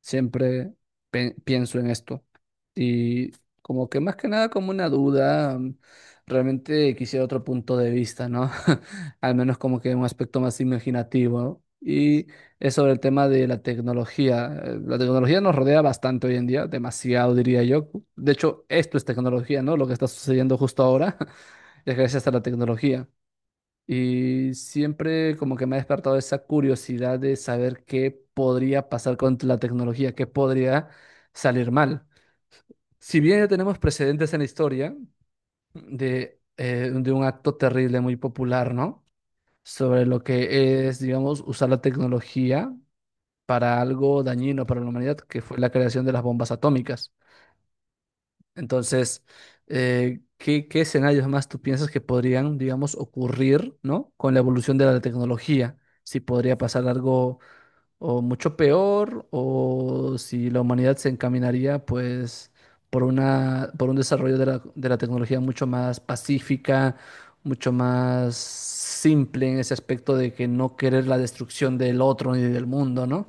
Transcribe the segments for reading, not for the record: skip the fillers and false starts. Siempre pienso en esto. Y como que más que nada como una duda, realmente quisiera otro punto de vista, ¿no? Al menos como que un aspecto más imaginativo, ¿no? Y es sobre el tema de la tecnología. La tecnología nos rodea bastante hoy en día, demasiado diría yo. De hecho, esto es tecnología, ¿no? Lo que está sucediendo justo ahora es gracias a la tecnología. Y siempre como que me ha despertado esa curiosidad de saber qué podría pasar con la tecnología, qué podría salir mal. Si bien ya tenemos precedentes en la historia de un acto terrible muy popular, ¿no? Sobre lo que es, digamos, usar la tecnología para algo dañino para la humanidad, que fue la creación de las bombas atómicas. Entonces, ¿Qué escenarios más tú piensas que podrían, digamos, ocurrir?, ¿no? Con la evolución de la tecnología. Si podría pasar algo o mucho peor, o si la humanidad se encaminaría, pues, por una, por un desarrollo de la tecnología mucho más pacífica, mucho más simple en ese aspecto de que no querer la destrucción del otro ni del mundo, ¿no?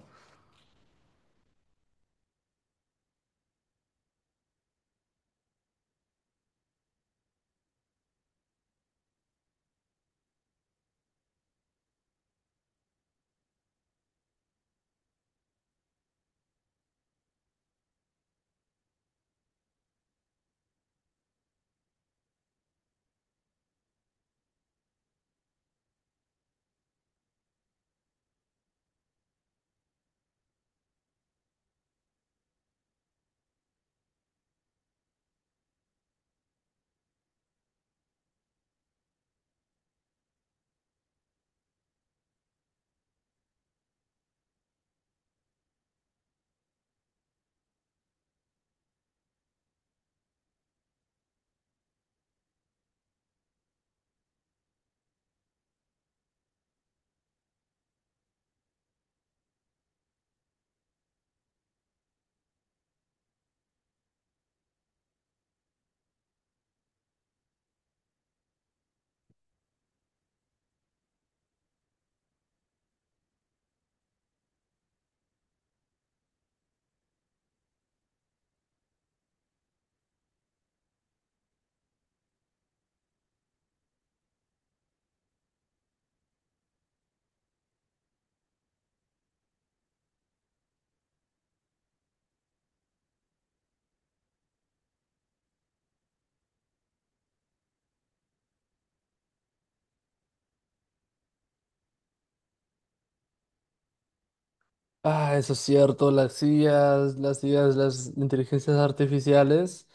Ah, eso es cierto, las IAs, las inteligencias artificiales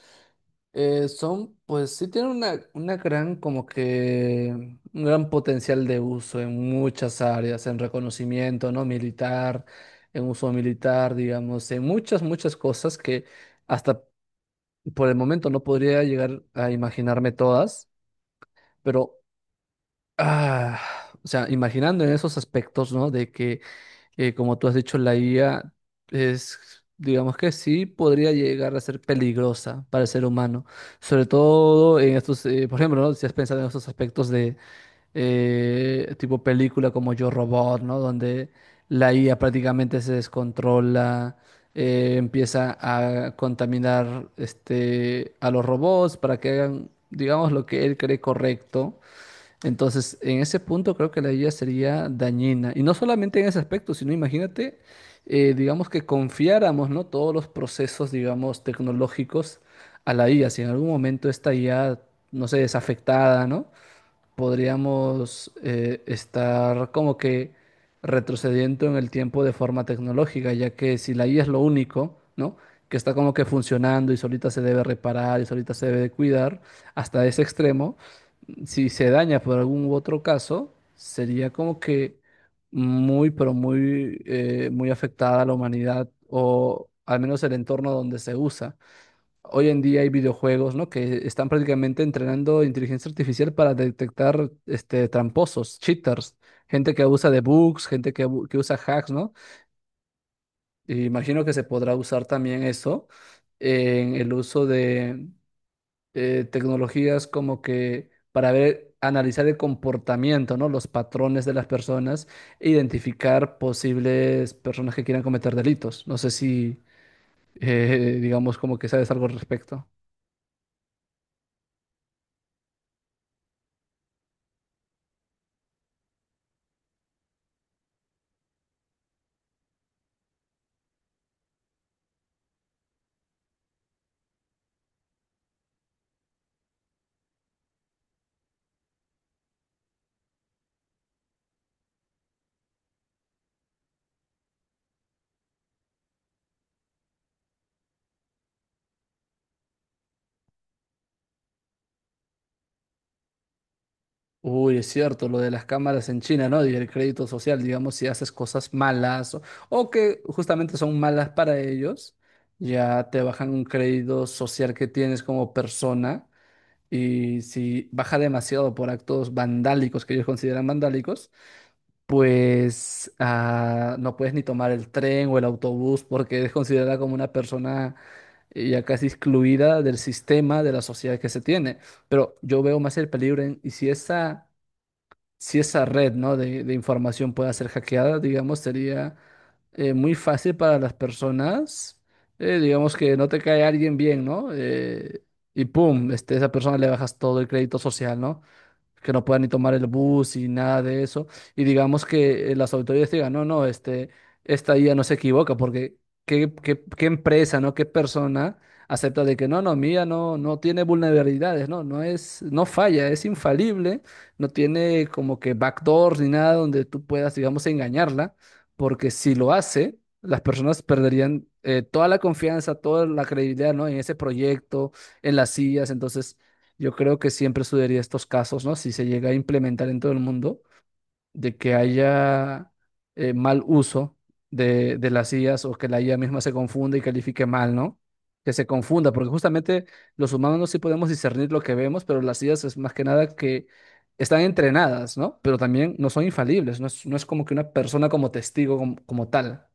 son, pues sí tienen una gran, como que, un gran potencial de uso en muchas áreas, en reconocimiento, ¿no? Militar, en uso militar, digamos, en muchas, muchas cosas que hasta por el momento no podría llegar a imaginarme todas, pero, ah, o sea, imaginando en esos aspectos, ¿no? De que como tú has dicho, la IA es, digamos que sí, podría llegar a ser peligrosa para el ser humano, sobre todo en estos, por ejemplo, ¿no? Si has pensado en estos aspectos de tipo película como Yo Robot, ¿no? Donde la IA prácticamente se descontrola, empieza a contaminar este, a los robots para que hagan, digamos, lo que él cree correcto. Entonces, en ese punto creo que la IA sería dañina. Y no solamente en ese aspecto, sino imagínate, digamos que confiáramos, ¿no? Todos los procesos, digamos, tecnológicos a la IA. Si en algún momento esta IA, no sé, es afectada, ¿no? Podríamos estar como que retrocediendo en el tiempo de forma tecnológica, ya que si la IA es lo único, ¿no? Que está como que funcionando y solita se debe reparar y solita se debe de cuidar hasta ese extremo, si se daña por algún otro caso, sería como que muy, pero muy, muy afectada a la humanidad o al menos el entorno donde se usa. Hoy en día hay videojuegos, ¿no? Que están prácticamente entrenando inteligencia artificial para detectar este, tramposos, cheaters, gente que abusa de bugs, gente que usa hacks, ¿no? E imagino que se podrá usar también eso en el uso tecnologías como que para ver, analizar el comportamiento, ¿no? Los patrones de las personas e identificar posibles personas que quieran cometer delitos. No sé si, digamos, como que sabes algo al respecto. Uy, es cierto, lo de las cámaras en China, ¿no? Y el crédito social, digamos, si haces cosas malas o que justamente son malas para ellos, ya te bajan un crédito social que tienes como persona. Y si baja demasiado por actos vandálicos que ellos consideran vandálicos, pues no puedes ni tomar el tren o el autobús porque eres considerada como una persona ya casi excluida del sistema, de la sociedad que se tiene. Pero yo veo más el peligro en, y si esa, red, ¿no? de información pueda ser hackeada, digamos, sería muy fácil para las personas, digamos que no te cae alguien bien, ¿no? Y pum, este, esa persona le bajas todo el crédito social, ¿no? Que no puedan ni tomar el bus y nada de eso. Y digamos que las autoridades digan, no, no, este, esta IA no se equivoca, porque ¿qué empresa, ¿no? ¿Qué persona acepta de que no, no, mía no, no tiene vulnerabilidades, no, no es, no falla, es infalible, no tiene como que backdoors ni nada donde tú puedas, digamos, engañarla, porque si lo hace, las personas perderían toda la confianza, toda la credibilidad, ¿no? En ese proyecto, en las sillas, entonces yo creo que siempre sucedería estos casos, ¿no? Si se llega a implementar en todo el mundo, de que haya mal uso de las IAs o que la IA misma se confunda y califique mal, ¿no? Que se confunda, porque justamente los humanos no sí podemos discernir lo que vemos, pero las IAs es más que nada que están entrenadas, ¿no? Pero también no son infalibles, no es como que una persona como testigo, como tal.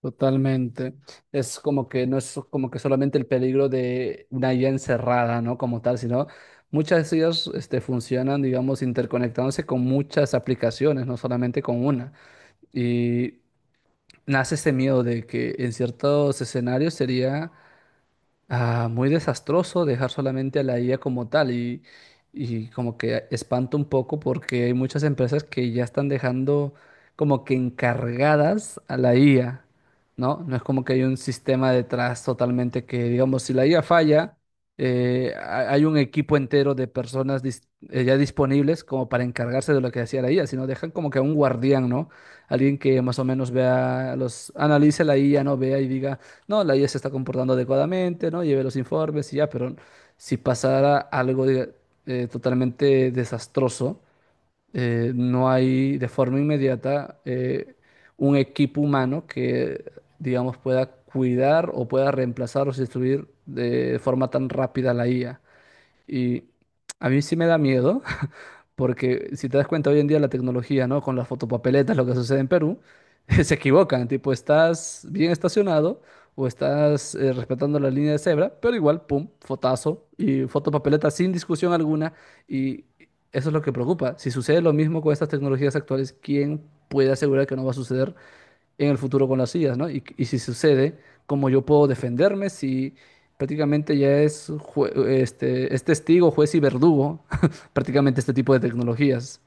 Totalmente. Es como que no es como que solamente el peligro de una IA encerrada, ¿no? Como tal, sino muchas de ellas este, funcionan, digamos, interconectándose con muchas aplicaciones, no solamente con una. Y nace este miedo de que en ciertos escenarios sería muy desastroso dejar solamente a la IA como tal y como que espanto un poco porque hay muchas empresas que ya están dejando como que encargadas a la IA, ¿no? No es como que hay un sistema detrás totalmente que, digamos, si la IA falla, hay un equipo entero de personas ya disponibles como para encargarse de lo que hacía la IA, sino dejan como que a un guardián, ¿no? Alguien que más o menos vea los, analice la IA, ¿no? Vea y diga no, la IA se está comportando adecuadamente, ¿no? Lleve los informes y ya, pero si pasara algo totalmente desastroso, no hay de forma inmediata un equipo humano que, digamos, pueda cuidar o pueda reemplazar o sustituir de forma tan rápida a la IA. Y a mí sí me da miedo, porque si te das cuenta hoy en día la tecnología, ¿no? Con las fotopapeletas, lo que sucede en Perú, se equivocan, tipo, estás bien estacionado o estás respetando la línea de cebra, pero igual, pum, fotazo y fotopapeleta sin discusión alguna, y eso es lo que preocupa. Si sucede lo mismo con estas tecnologías actuales, ¿quién puede asegurar que no va a suceder en el futuro con las IAs, ¿no? Y si sucede, cómo yo puedo defenderme si prácticamente ya es, este, es testigo, juez y verdugo, prácticamente este tipo de tecnologías.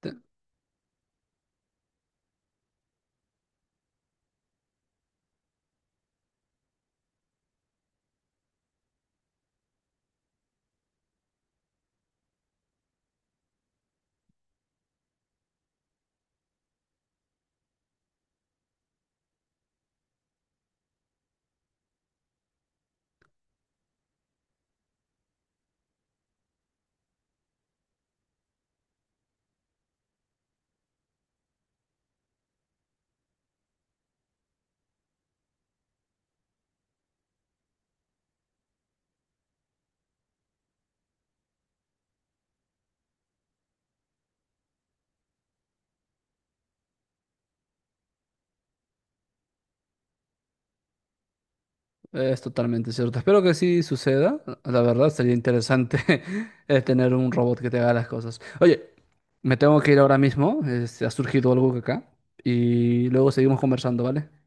Te- Es totalmente cierto. Espero que sí suceda. La verdad, sería interesante tener un robot que te haga las cosas. Oye, me tengo que ir ahora mismo. Este, ha surgido algo acá. Y luego seguimos conversando, ¿vale?